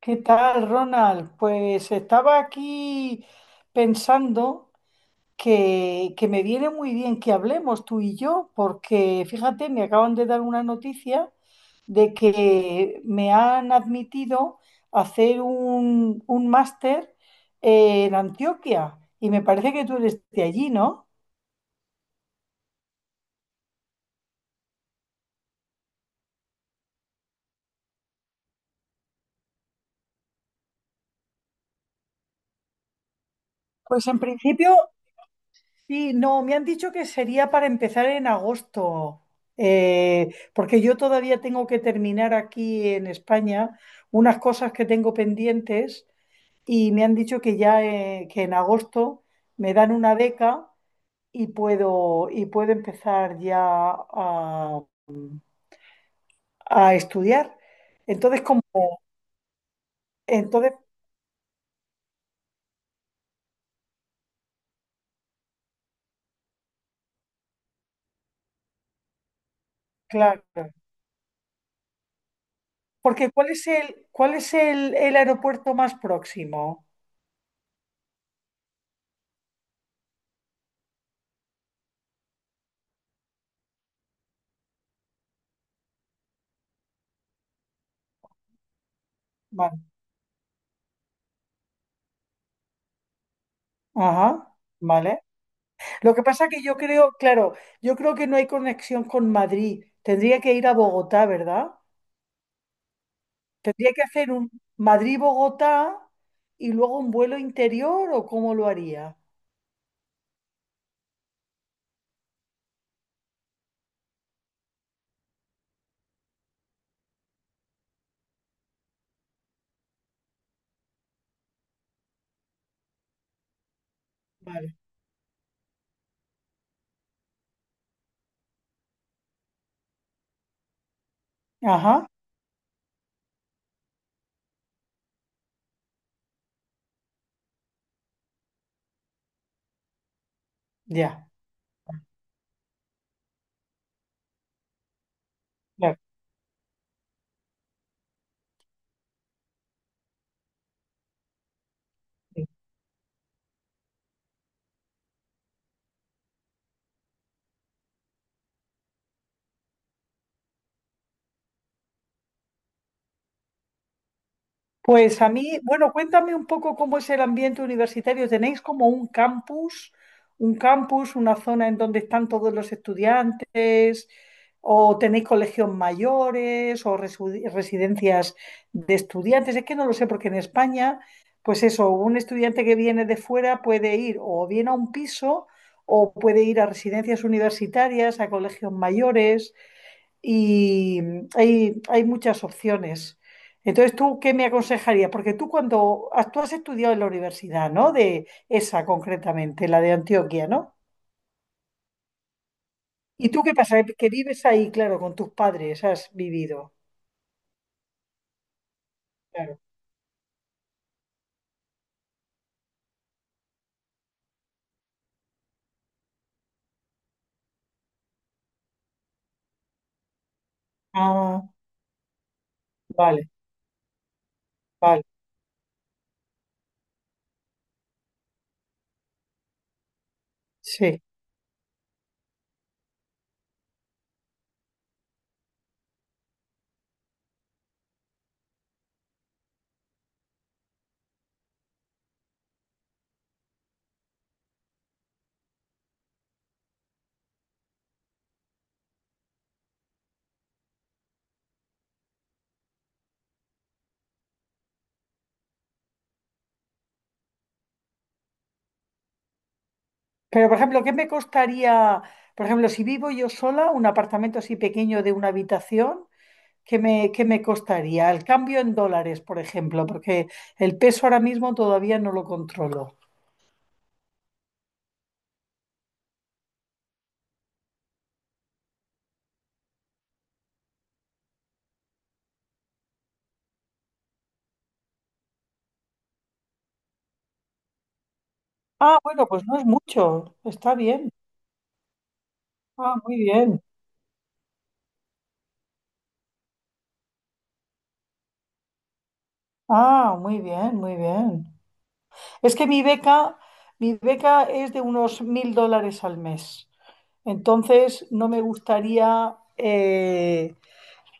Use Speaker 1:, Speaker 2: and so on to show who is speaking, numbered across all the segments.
Speaker 1: ¿Qué tal, Ronald? Pues estaba aquí pensando que me viene muy bien que hablemos tú y yo, porque fíjate, me acaban de dar una noticia de que me han admitido a hacer un máster en Antioquia y me parece que tú eres de allí, ¿no? Pues en principio sí. No, me han dicho que sería para empezar en agosto, porque yo todavía tengo que terminar aquí en España unas cosas que tengo pendientes y me han dicho que ya que en agosto me dan una beca y puedo empezar ya a, a estudiar. Entonces, entonces, claro, porque ¿cuál es el aeropuerto más próximo? Vale. Ajá, vale. Lo que pasa que yo creo, claro, yo creo que no hay conexión con Madrid. Tendría que ir a Bogotá, ¿verdad? Tendría que hacer un Madrid-Bogotá y luego un vuelo interior o cómo lo haría. Vale. Ajá, ya. Claro. Pues a mí, bueno, cuéntame un poco cómo es el ambiente universitario. ¿Tenéis como un campus, una zona en donde están todos los estudiantes? ¿O tenéis colegios mayores o residencias de estudiantes? Es que no lo sé, porque en España, pues eso, un estudiante que viene de fuera puede ir o bien a un piso o puede ir a residencias universitarias, a colegios mayores y hay muchas opciones. Entonces, ¿tú qué me aconsejarías? Porque tú has estudiado en la universidad, ¿no? De esa concretamente, la de Antioquia, ¿no? ¿Y tú qué pasa? Que vives ahí, claro, con tus padres, has vivido, claro. Ah, vale, vale, sí. Pero, por ejemplo, ¿qué me costaría, por ejemplo, si vivo yo sola, un apartamento así pequeño de una habitación, ¿qué me costaría? El cambio en dólares, por ejemplo, porque el peso ahora mismo todavía no lo controlo. Ah, bueno, pues no es mucho. Está bien. Ah, muy bien. Ah, muy bien, muy bien. Es que mi beca es de unos $1.000 al mes. Entonces, no me gustaría, eh,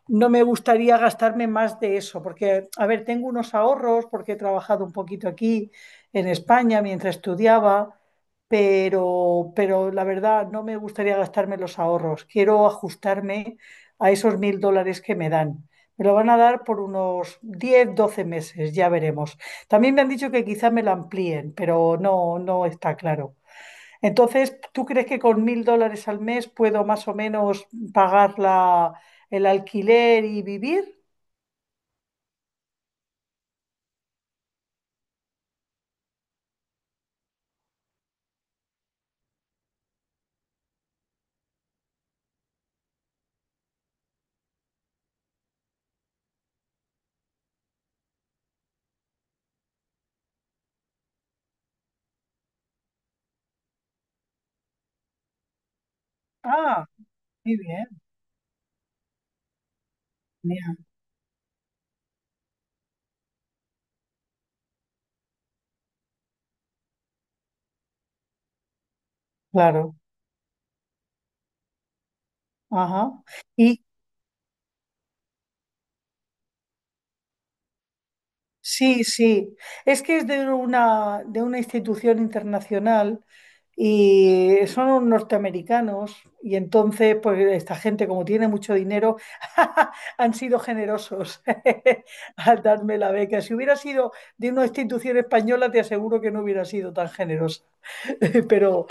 Speaker 1: no me gustaría gastarme más de eso, porque, a ver, tengo unos ahorros, porque he trabajado un poquito aquí en España mientras estudiaba, pero la verdad no me gustaría gastarme los ahorros. Quiero ajustarme a esos $1.000 que me dan. Me lo van a dar por unos 10, 12 meses, ya veremos. También me han dicho que quizá me lo amplíen, pero no, no está claro. Entonces, ¿tú crees que con $1.000 al mes puedo más o menos pagar el alquiler y vivir? Ah, muy bien, mira, claro. Ajá. y. Sí, sí. Es que es de una institución internacional y son unos norteamericanos y entonces, pues esta gente, como tiene mucho dinero, han sido generosos al darme la beca. Si hubiera sido de una institución española, te aseguro que no hubiera sido tan generosa. Pero,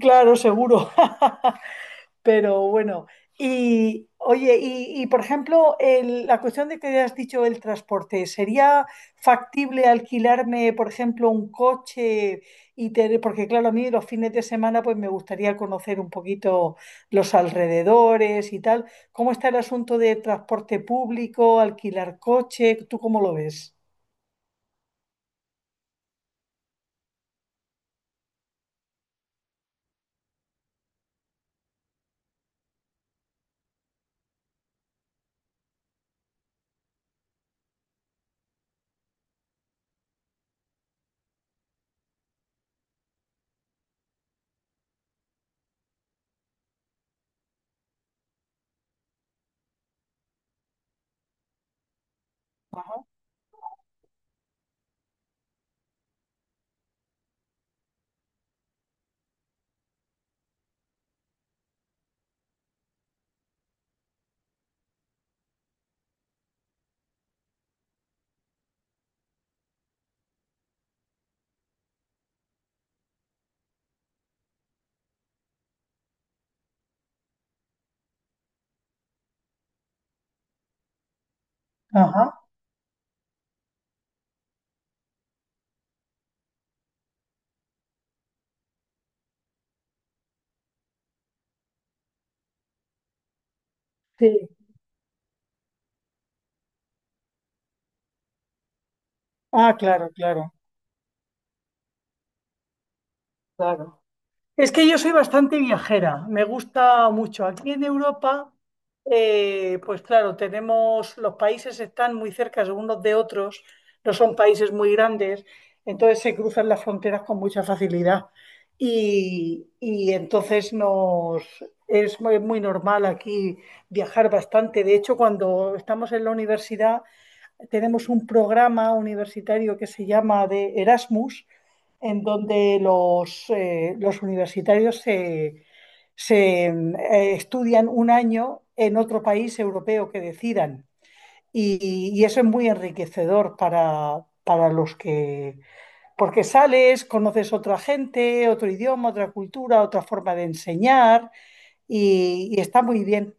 Speaker 1: claro, seguro. Pero bueno, y oye, y, por ejemplo, la cuestión de que has dicho el transporte, ¿sería factible alquilarme, por ejemplo, un coche y tener, porque claro, a mí los fines de semana pues me gustaría conocer un poquito los alrededores y tal. ¿Cómo está el asunto de transporte público, alquilar coche? ¿Tú cómo lo ves? Ajá, sí. Ah, claro, claro, claro. Es que yo soy bastante viajera, me gusta mucho. Aquí en Europa, pues claro, tenemos, los países están muy cerca unos de otros, no son países muy grandes, entonces se cruzan las fronteras con mucha facilidad. Y entonces nos, es muy, muy normal aquí viajar bastante. De hecho, cuando estamos en la universidad, tenemos un programa universitario que se llama de Erasmus, en donde los universitarios se, se estudian un año en otro país europeo que decidan. Y eso es muy enriquecedor para los que, porque sales, conoces otra gente, otro idioma, otra cultura, otra forma de enseñar y está muy bien.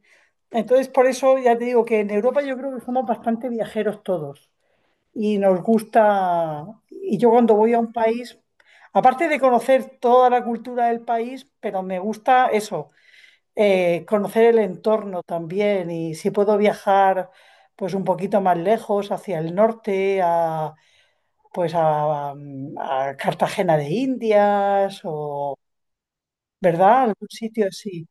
Speaker 1: Entonces, por eso ya te digo que en Europa yo creo que somos bastante viajeros todos y nos gusta. Y yo cuando voy a un país, aparte de conocer toda la cultura del país, pero me gusta eso, conocer el entorno también y si puedo viajar pues un poquito más lejos, hacia el norte, a Cartagena de Indias o, ¿verdad? Algún sitio así.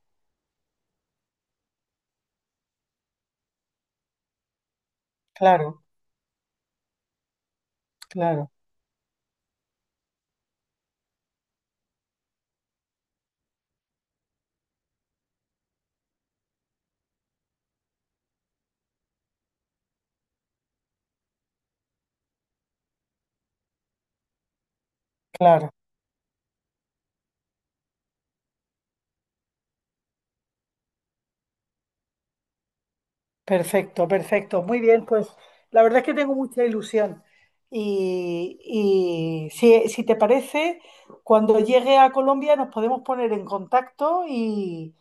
Speaker 1: Claro, claro, claro. Perfecto, perfecto. Muy bien, pues la verdad es que tengo mucha ilusión. Y si te parece, cuando llegue a Colombia nos podemos poner en contacto y,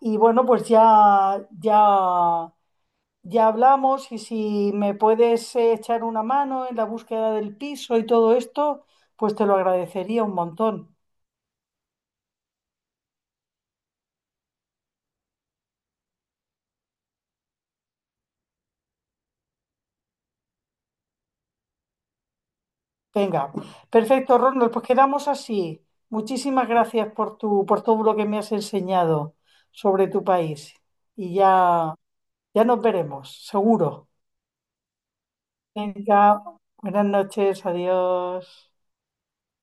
Speaker 1: y bueno, pues ya hablamos y si me puedes echar una mano en la búsqueda del piso y todo esto, pues te lo agradecería un montón. Venga, perfecto, Ronald, pues quedamos así. Muchísimas gracias por por todo lo que me has enseñado sobre tu país. Y ya nos veremos, seguro. Venga, buenas noches, adiós.